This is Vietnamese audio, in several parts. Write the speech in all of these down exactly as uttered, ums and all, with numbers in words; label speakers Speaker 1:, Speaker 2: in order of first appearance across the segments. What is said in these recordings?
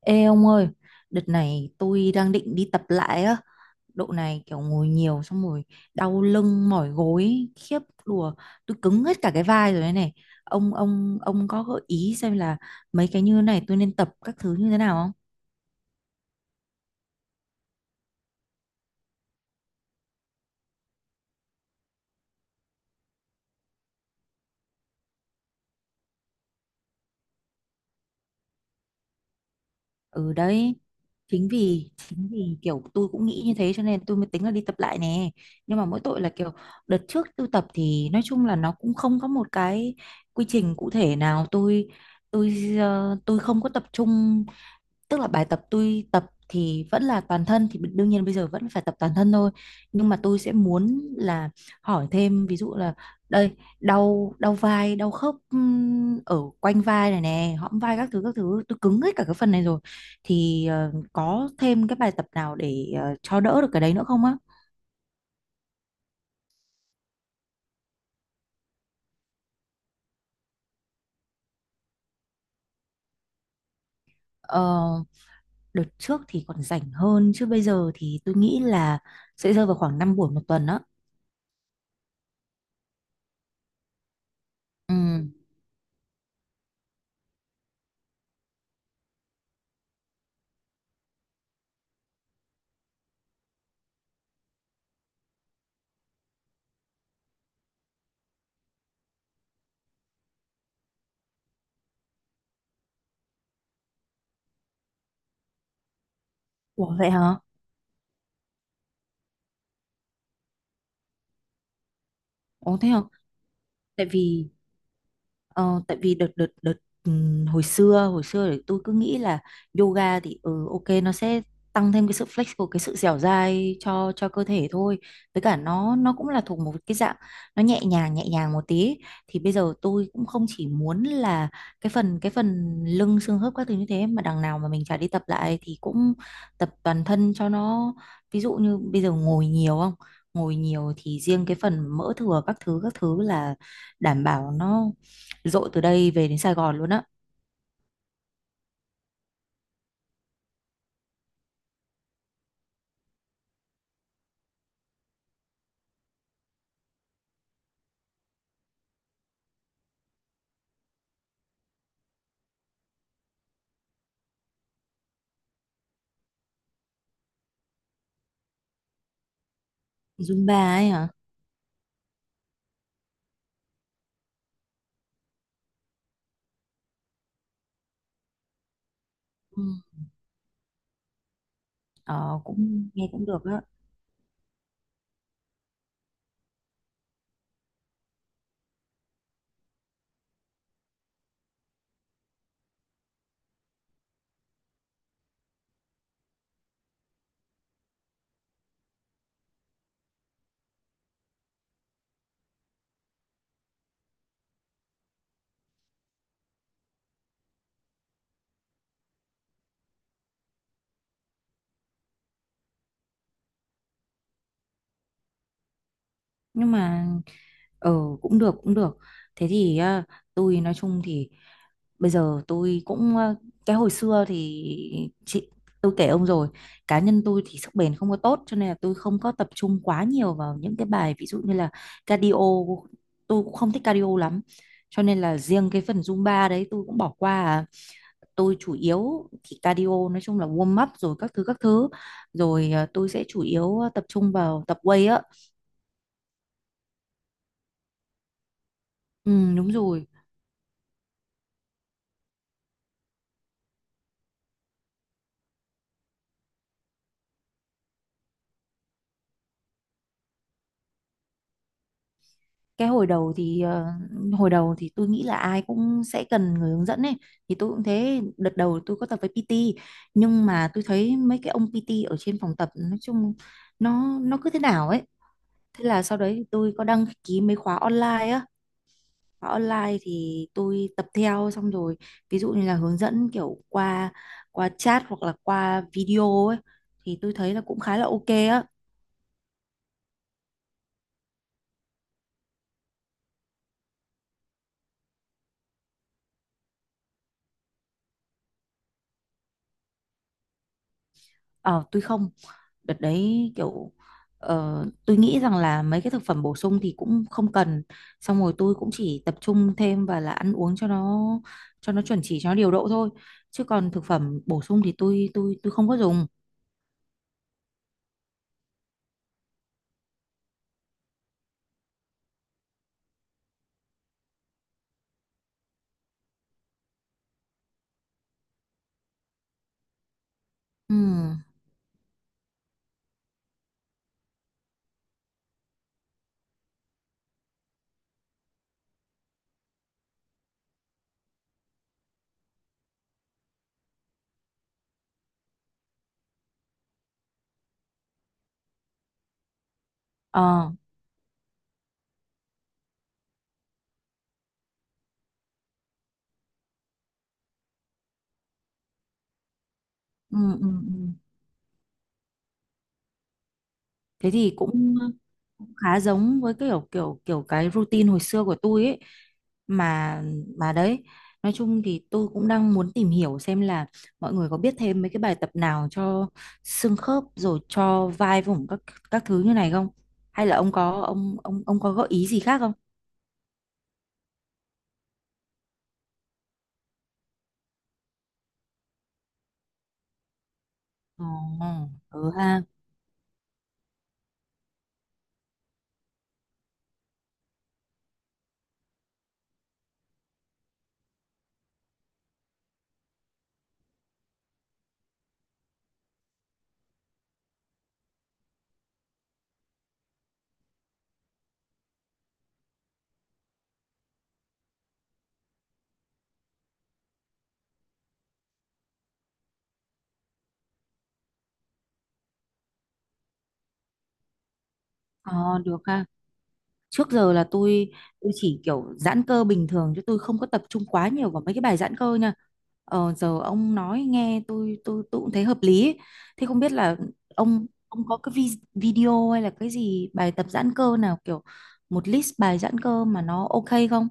Speaker 1: Ê ông ơi, đợt này tôi đang định đi tập lại á. Độ này kiểu ngồi nhiều xong rồi đau lưng mỏi gối khiếp đùa, tôi cứng hết cả cái vai rồi đây này. Ông ông ông có gợi ý xem là mấy cái như này tôi nên tập các thứ như thế nào không? Ừ đấy. Chính vì chính vì kiểu tôi cũng nghĩ như thế cho nên tôi mới tính là đi tập lại nè. Nhưng mà mỗi tội là kiểu đợt trước tôi tập thì nói chung là nó cũng không có một cái quy trình cụ thể nào, tôi tôi ờ, tôi không có tập trung. Tức là bài tập tôi tập thì vẫn là toàn thân, thì đương nhiên bây giờ vẫn phải tập toàn thân thôi, nhưng mà tôi sẽ muốn là hỏi thêm, ví dụ là đây, đau đau vai đau khớp ừm, ở quanh vai này nè, hõm vai các thứ các thứ, tôi cứng hết cả cái phần này rồi, thì ờ, có thêm cái bài tập nào để ờ, cho đỡ được cái đấy nữa không á. Ờ, đợt trước thì còn rảnh hơn, chứ bây giờ thì tôi nghĩ là sẽ rơi vào khoảng năm buổi một tuần á. Ừ. Ủa vậy hả? Ủa thế hả? Tại vì... Ờ, tại vì đợt đợt đợt ừm, hồi xưa hồi xưa thì tôi cứ nghĩ là yoga thì ừ, ok nó sẽ tăng thêm cái sự flexible, cái sự dẻo dai cho cho cơ thể thôi, với cả nó nó cũng là thuộc một cái dạng nó nhẹ nhàng nhẹ nhàng một tí. Thì bây giờ tôi cũng không chỉ muốn là cái phần cái phần lưng xương khớp các thứ như thế, mà đằng nào mà mình chả đi tập lại thì cũng tập toàn thân cho nó. Ví dụ như bây giờ ngồi nhiều không ngồi nhiều thì riêng cái phần mỡ thừa các thứ các thứ là đảm bảo nó dội từ đây về đến Sài Gòn luôn á. Zumba ấy hả. Ừ. Ờ, cũng nghe cũng được á. Nhưng mà ờ, cũng được cũng được. Thế thì à, tôi nói chung thì bây giờ tôi cũng ờ, cái hồi xưa thì chị tôi kể ông rồi, cá nhân tôi thì sức bền không có tốt, cho nên là tôi không có tập trung quá nhiều vào những cái bài ví dụ như là cardio. Tôi cũng không thích cardio lắm, cho nên là riêng cái phần Zumba đấy tôi cũng bỏ qua à. Tôi chủ yếu thì cardio nói chung là warm up rồi các thứ các thứ, rồi ờ, tôi sẽ chủ yếu ờ, tập trung vào tập weight á. Ừ, đúng rồi. Cái hồi đầu thì ờ, hồi đầu thì tôi nghĩ là ai cũng sẽ cần người hướng dẫn ấy, thì tôi cũng thế, đợt đầu tôi có tập với pi ti. Nhưng mà tôi thấy mấy cái ông pê tê ở trên phòng tập nói chung nó nó cứ thế nào ấy. Thế là sau đấy thì tôi có đăng ký mấy khóa online á. Khóa online thì tôi tập theo, xong rồi ví dụ như là hướng dẫn kiểu qua qua chat hoặc là qua video ấy, thì tôi thấy là cũng khá là ok á. Ờ tôi không, đợt đấy kiểu ờ, tôi nghĩ rằng là mấy cái thực phẩm bổ sung thì cũng không cần. Xong rồi tôi cũng chỉ tập trung thêm và là ăn uống cho nó, cho nó chuẩn chỉ cho nó điều độ thôi, chứ còn thực phẩm bổ sung thì tôi tôi tôi không có dùng. Ừ. Ờ. Ừ, ừ, ừ. Thế thì cũng cũng khá giống với kiểu kiểu kiểu cái routine hồi xưa của tôi ấy. mà mà đấy, nói chung thì tôi cũng đang muốn tìm hiểu xem là mọi người có biết thêm mấy cái bài tập nào cho xương khớp, rồi cho vai vùng các các thứ như này không, hay là ông có ông ông ông có gợi ý gì khác không. Ồ, ừ ha. Ờ, được ha. Trước giờ là tôi tôi chỉ kiểu giãn cơ bình thường, chứ tôi không có tập trung quá nhiều vào mấy cái bài giãn cơ nha. Ờ, giờ ông nói nghe tôi tôi tôi cũng thấy hợp lý ấy. Thế không biết là ông ông có cái vi- video hay là cái gì bài tập giãn cơ nào kiểu một list bài giãn cơ mà nó ok không.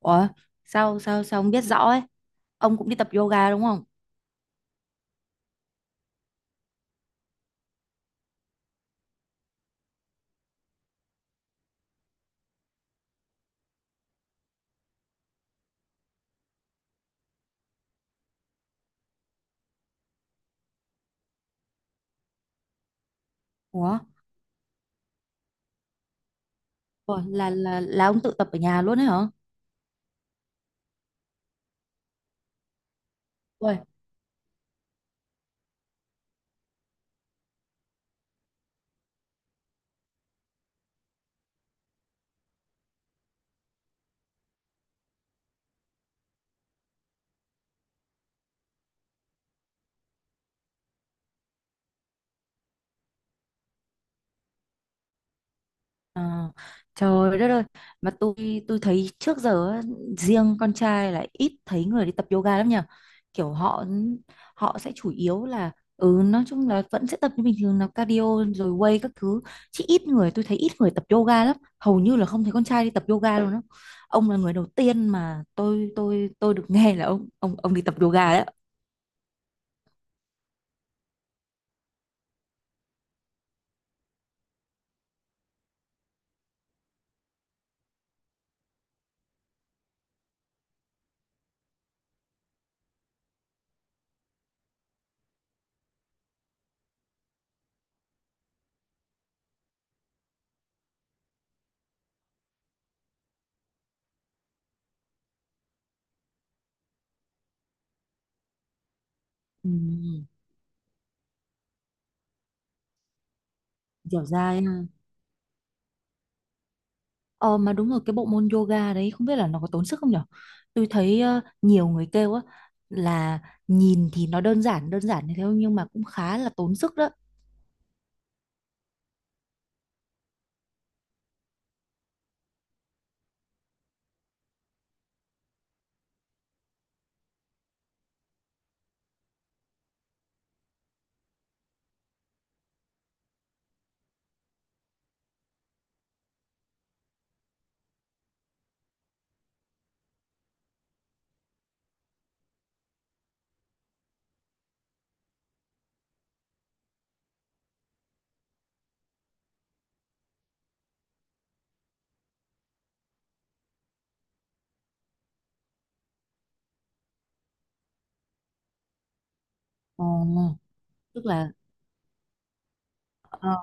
Speaker 1: Ủa sao sao sao ông biết rõ ấy, ông cũng đi tập yoga đúng không. Ủa, ủa, là là là ông tự tập ở nhà luôn ấy hả. Ủa. Ờ, trời đất ơi. Mà tôi tôi thấy trước giờ á, riêng con trai là ít thấy người đi tập yoga lắm nhỉ. Kiểu họ họ sẽ chủ yếu là ừ nói chung là vẫn sẽ tập như bình thường là cardio, rồi weight các thứ, chứ ít người, tôi thấy ít người tập yoga lắm, hầu như là không thấy con trai đi tập yoga luôn á. Ông là người đầu tiên mà tôi tôi tôi được nghe là ông ông ông đi tập yoga đấy. Ừ, hiểu ra ha. Ờ mà đúng rồi, cái bộ môn yoga đấy không biết là nó có tốn sức không nhở. Tôi thấy ờ, nhiều người kêu á là nhìn thì nó đơn giản đơn giản như thế nhưng mà cũng khá là tốn sức đó. Ồ, tức là ờ,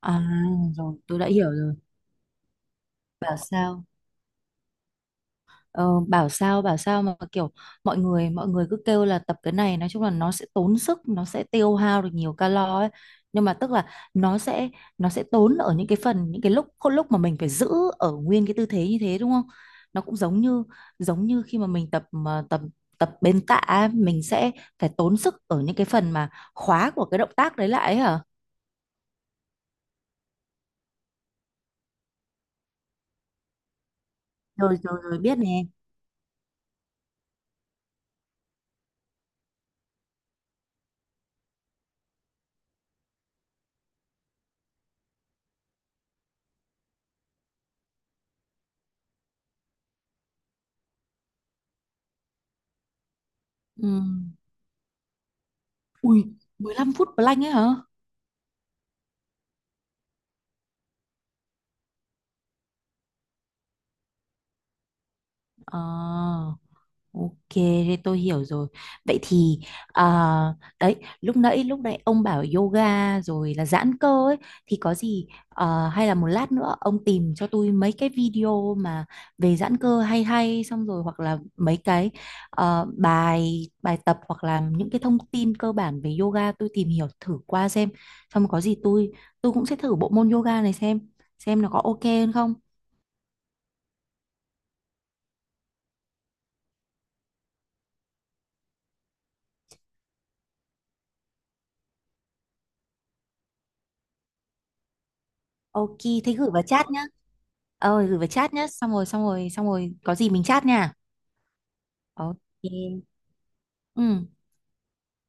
Speaker 1: à rồi tôi đã hiểu rồi. Bảo sao. Ờ, bảo sao bảo sao mà kiểu mọi người mọi người cứ kêu là tập cái này nói chung là nó sẽ tốn sức, nó sẽ tiêu hao được nhiều calo ấy. Nhưng mà tức là nó sẽ nó sẽ tốn ở những cái phần, những cái lúc lúc mà mình phải giữ ở nguyên cái tư thế như thế đúng không. Nó cũng giống như giống như khi mà mình tập mà tập tập bên tạ ấy, mình sẽ phải tốn sức ở những cái phần mà khóa của cái động tác đấy lại ấy hả. Rồi rồi rồi biết nè. Ừ. Ui, mười lăm phút plank ấy hả. Ờ. Ok, thế tôi hiểu rồi. Vậy thì à, đấy, lúc nãy lúc nãy ông bảo yoga rồi là giãn cơ ấy, thì có gì à, hay là một lát nữa ông tìm cho tôi mấy cái video mà về giãn cơ hay hay, xong rồi hoặc là mấy cái ờ, bài bài tập hoặc là những cái thông tin cơ bản về yoga tôi tìm hiểu thử qua xem. Xong có gì tôi tôi cũng sẽ thử bộ môn yoga này xem xem nó có ok hơn không. Ok, thế gửi vào chat nhá. Ờ, gửi vào chat nhá. Xong rồi, xong rồi, xong rồi. Có gì mình chat nha. Ok. Ừ.